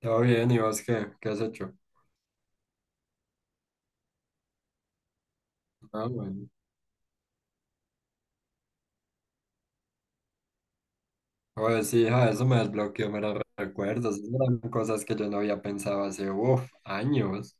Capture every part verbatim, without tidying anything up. Todo bien, ¿y vos qué? ¿Qué has hecho? Ah, bueno. Oye, sí, hija, eso me desbloqueó meros recuerdos. Esas eran cosas que yo no había pensado hace, uff, años.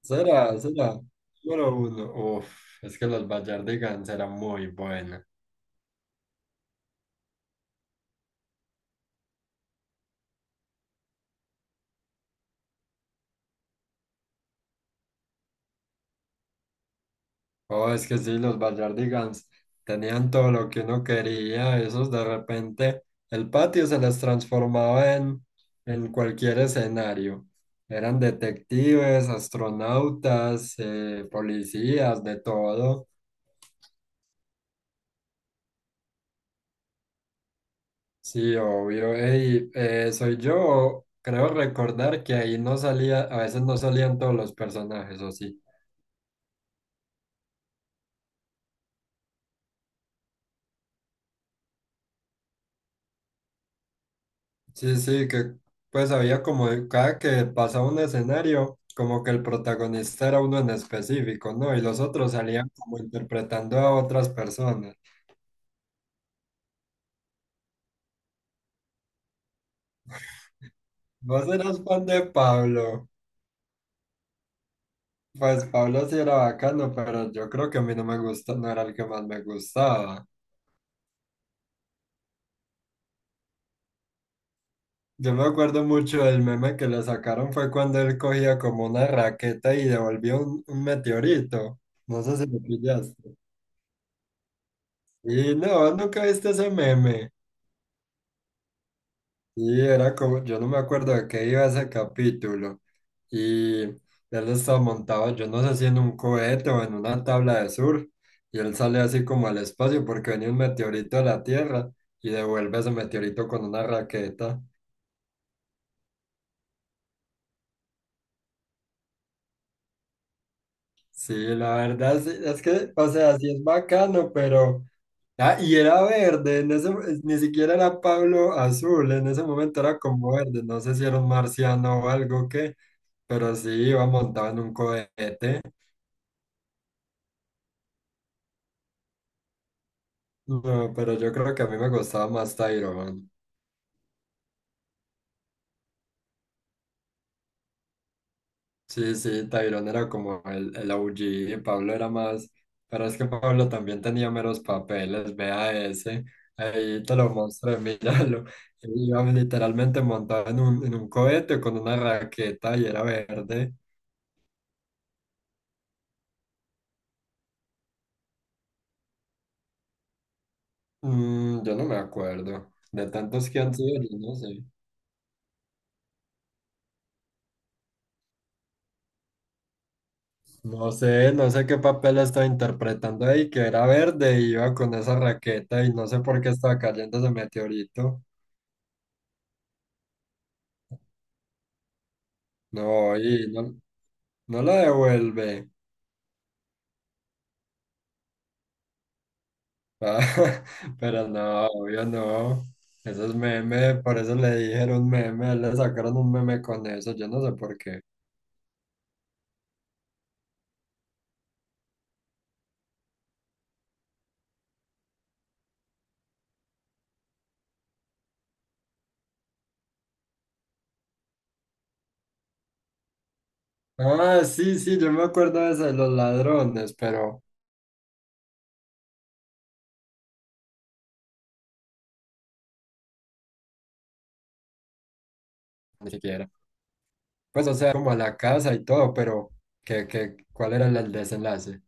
Será, será. Número uno, uff, es que los Gallardigans eran muy buenos. Oh, es que sí, los Gallardigans tenían todo lo que uno quería. Esos de repente, el patio se les transformaba en, en cualquier escenario. Eran detectives, astronautas, eh, policías, de todo. Sí, obvio. Ey, eh, soy yo. Creo recordar que ahí no salía, a veces no salían todos los personajes, ¿o sí? Sí, sí, que pues había como cada que pasaba un escenario, como que el protagonista era uno en específico, ¿no? Y los otros salían como interpretando a otras personas. Vos eras fan de Pablo. Pues Pablo sí era bacano, pero yo creo que a mí no me gusta, no era el que más me gustaba. Yo me acuerdo mucho del meme que le sacaron fue cuando él cogía como una raqueta y devolvió un, un meteorito. No sé si lo pillaste. Y no, nunca viste ese meme. Y era como, yo no me acuerdo de qué iba ese capítulo. Y él estaba montado, yo no sé si en un cohete o en una tabla de surf. Y él sale así como al espacio porque venía un meteorito a la Tierra y devuelve ese meteorito con una raqueta. Sí, la verdad sí, es que, o sea, sí es bacano, pero... Ah, y era verde, en ese- ni siquiera era Pablo azul, en ese momento era como verde, no sé si era un marciano o algo que, pero sí iba montado en un cohete. No, pero yo creo que a mí me gustaba más Tyrone. Sí, sí, Tyrone era como el, el O G, y Pablo era más, pero es que Pablo también tenía meros papeles, vea ese, ahí te lo mostré, míralo. Iba literalmente montado en un, en un cohete con una raqueta y era verde. Mm, yo no me acuerdo. De tantos que han sido, yo no sé. No sé, no sé qué papel estaba interpretando ahí, que era verde y iba con esa raqueta y no sé por qué estaba cayendo ese meteorito. No, y no, no la devuelve. Ah, pero no, obvio no. Eso es meme, por eso le dijeron meme, le sacaron un meme con eso, yo no sé por qué. Ah, sí, sí, yo me acuerdo de ese, los ladrones, pero ni siquiera. Pues, o sea, como a la casa y todo, pero ¿qué, qué, cuál era el el desenlace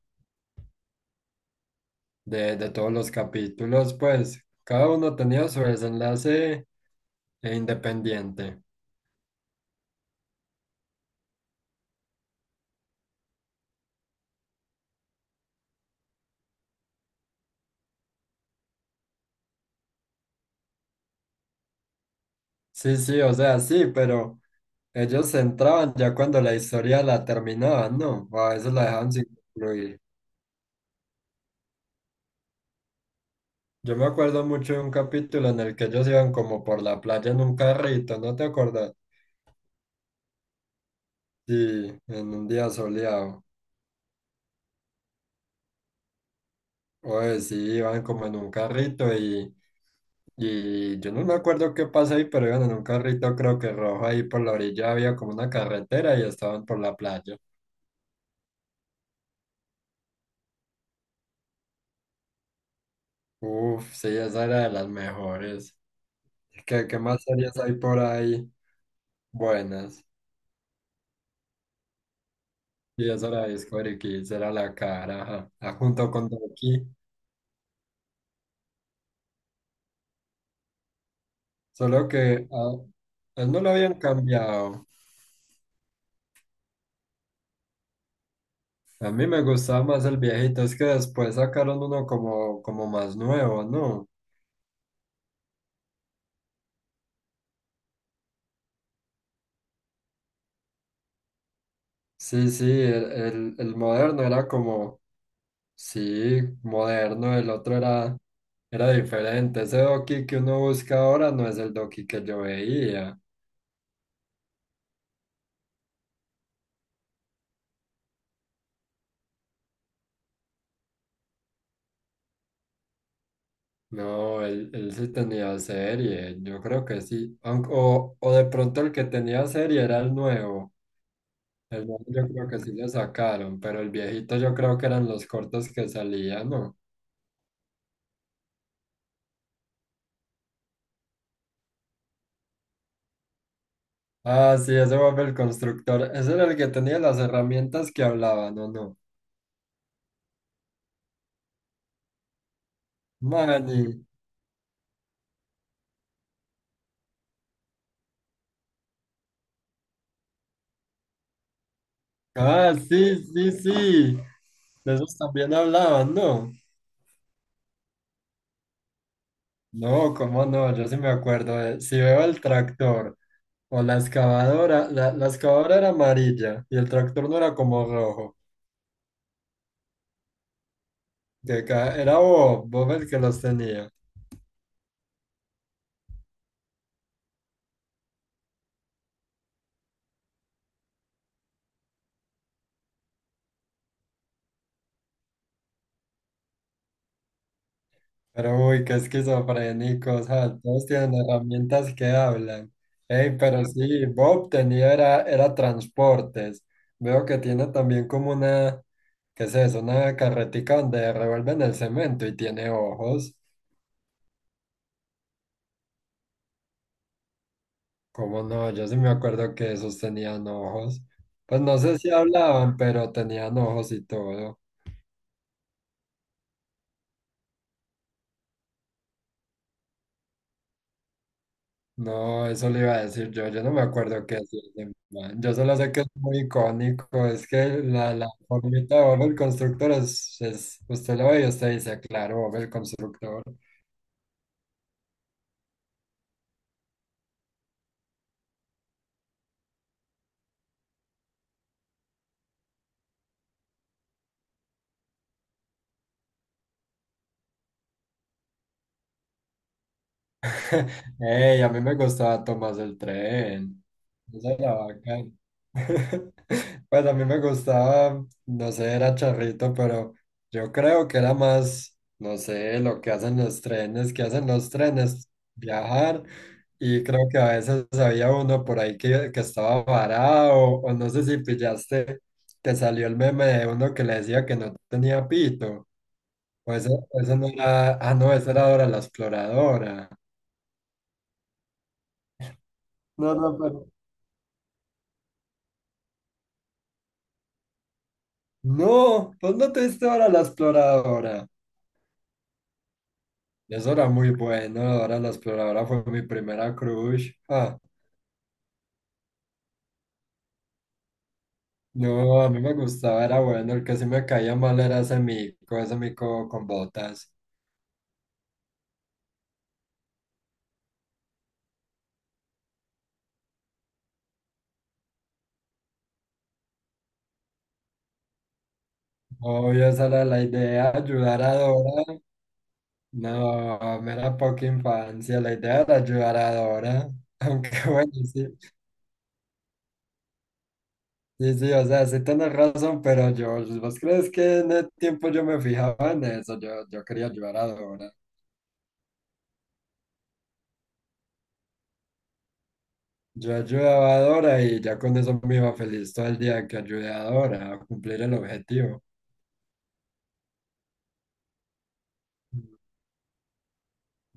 de, de todos los capítulos? Pues, cada uno tenía su desenlace eh, independiente. Sí, sí, o sea, sí, pero ellos se entraban ya cuando la historia la terminaban, ¿no? O a veces la dejaban sin concluir. Yo me acuerdo mucho de un capítulo en el que ellos iban como por la playa en un carrito, ¿no te acuerdas? Sí, en un día soleado. Oye, sí, iban como en un carrito y Y yo no me acuerdo qué pasa ahí, pero iban en un carrito, creo que rojo, ahí por la orilla había como una carretera y estaban por la playa. Uf, sí, esa era de las mejores. ¿Qué, qué más series hay por ahí? Buenas. Y esa era Discovery Kids, era la cara, ajá. Ah, junto con Doki. Solo que ah, él no lo habían cambiado. A mí me gustaba más el viejito, es que después sacaron uno como, como más nuevo, ¿no? Sí, sí, el, el el moderno era como... Sí, moderno, el otro era, era diferente. Ese Doki que uno busca ahora no es el Doki que yo veía. No, él, él sí tenía serie, yo creo que sí. Aunque... O, o de pronto el que tenía serie era el nuevo. El nuevo yo creo que sí le sacaron, pero el viejito yo creo que eran los cortos que salían, ¿no? Ah, sí, ese Bob el Constructor. Ese era el que tenía las herramientas que hablaban, ¿o no? Manny. Ah, sí, sí, sí. De esos también hablaban, ¿no? No, cómo no, yo sí me acuerdo. De- si veo el tractor o la excavadora, la, la excavadora era amarilla y el tractor no era como rojo. Que ca- era Bob, Bob el que los tenía. Pero uy, qué esquizofrénicos, ah, todos tienen herramientas que hablan. Ey, pero sí, Bob tenía era, era transportes. Veo que tiene también como una, ¿qué es eso? Una carretica donde revuelven el cemento y tiene ojos. ¿Cómo no? Yo sí me acuerdo que esos tenían ojos. Pues no sé si hablaban, pero tenían ojos y todo. No, eso le iba a decir yo, yo no me acuerdo qué hacía ese man. Yo solo sé que es muy icónico, es que la, la formita de Bob el Constructor es, es- usted lo ve y usted dice, claro, Bob el Constructor. Ey, a mí me gustaba Tomás el Tren. Esa era bacán. Pues a mí me gustaba, no sé, era charrito, pero yo creo que era más, no sé, lo que hacen los trenes, que hacen los trenes, viajar. Y creo que a veces había uno por ahí que, que estaba varado, o no sé si pillaste que salió el meme de uno que le decía que no tenía pito. O eso, eso no era, ah, no, esa era Dora la Exploradora. No, no, pero... no, pues no te diste Dora la Exploradora. Eso era muy bueno, Dora la Exploradora fue mi primera crush. Ah, no, a mí me gustaba, era bueno, el que sí me caía mal era ese mico, ese mico con botas. Obvio, esa era la idea, ayudar a Dora. No, mera poca infancia, la idea era ayudar a Dora. Aunque bueno, sí, sí, sí, o sea, sí tienes razón, pero yo, ¿vos crees que en el tiempo yo me fijaba en eso? Yo, yo quería ayudar a Dora. Yo ayudaba a Dora y ya con eso me iba feliz todo el día que ayudé a Dora a cumplir el objetivo.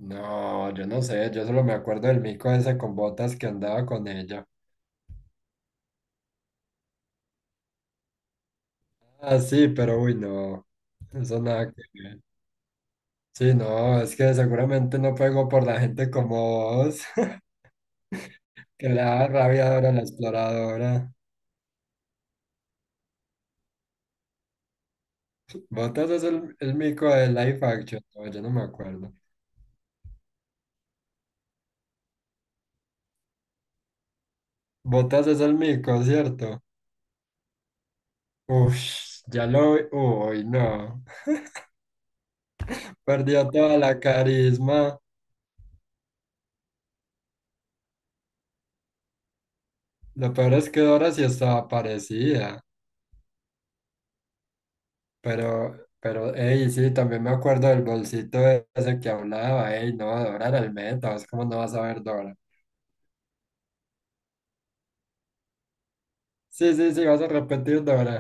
No, yo no sé, yo solo me acuerdo del mico ese con botas que andaba con ella. Ah, sí, pero uy, no, eso nada que ver. Sí, no, es que seguramente no pego por la gente como vos, que le da rabia Dora la Exploradora. Botas es el, el mico de Life Action, no, yo no me acuerdo. Botas es el mico, ¿cierto? Uff, ya lo vi, uy, no. Perdió toda la carisma. Lo peor es que Dora sí estaba parecida. Pero, pero, ey, sí, también me acuerdo del bolsito ese que hablaba. Ey, no, Dora era el meta. ¿Vos cómo no vas a ver Dora? Sí, sí, sí, vas a repetir Dora.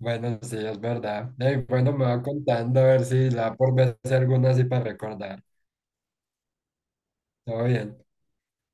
Bueno, sí, es verdad. Ey, bueno, me va contando a ver si la por vez alguna así para recordar. Todo bien.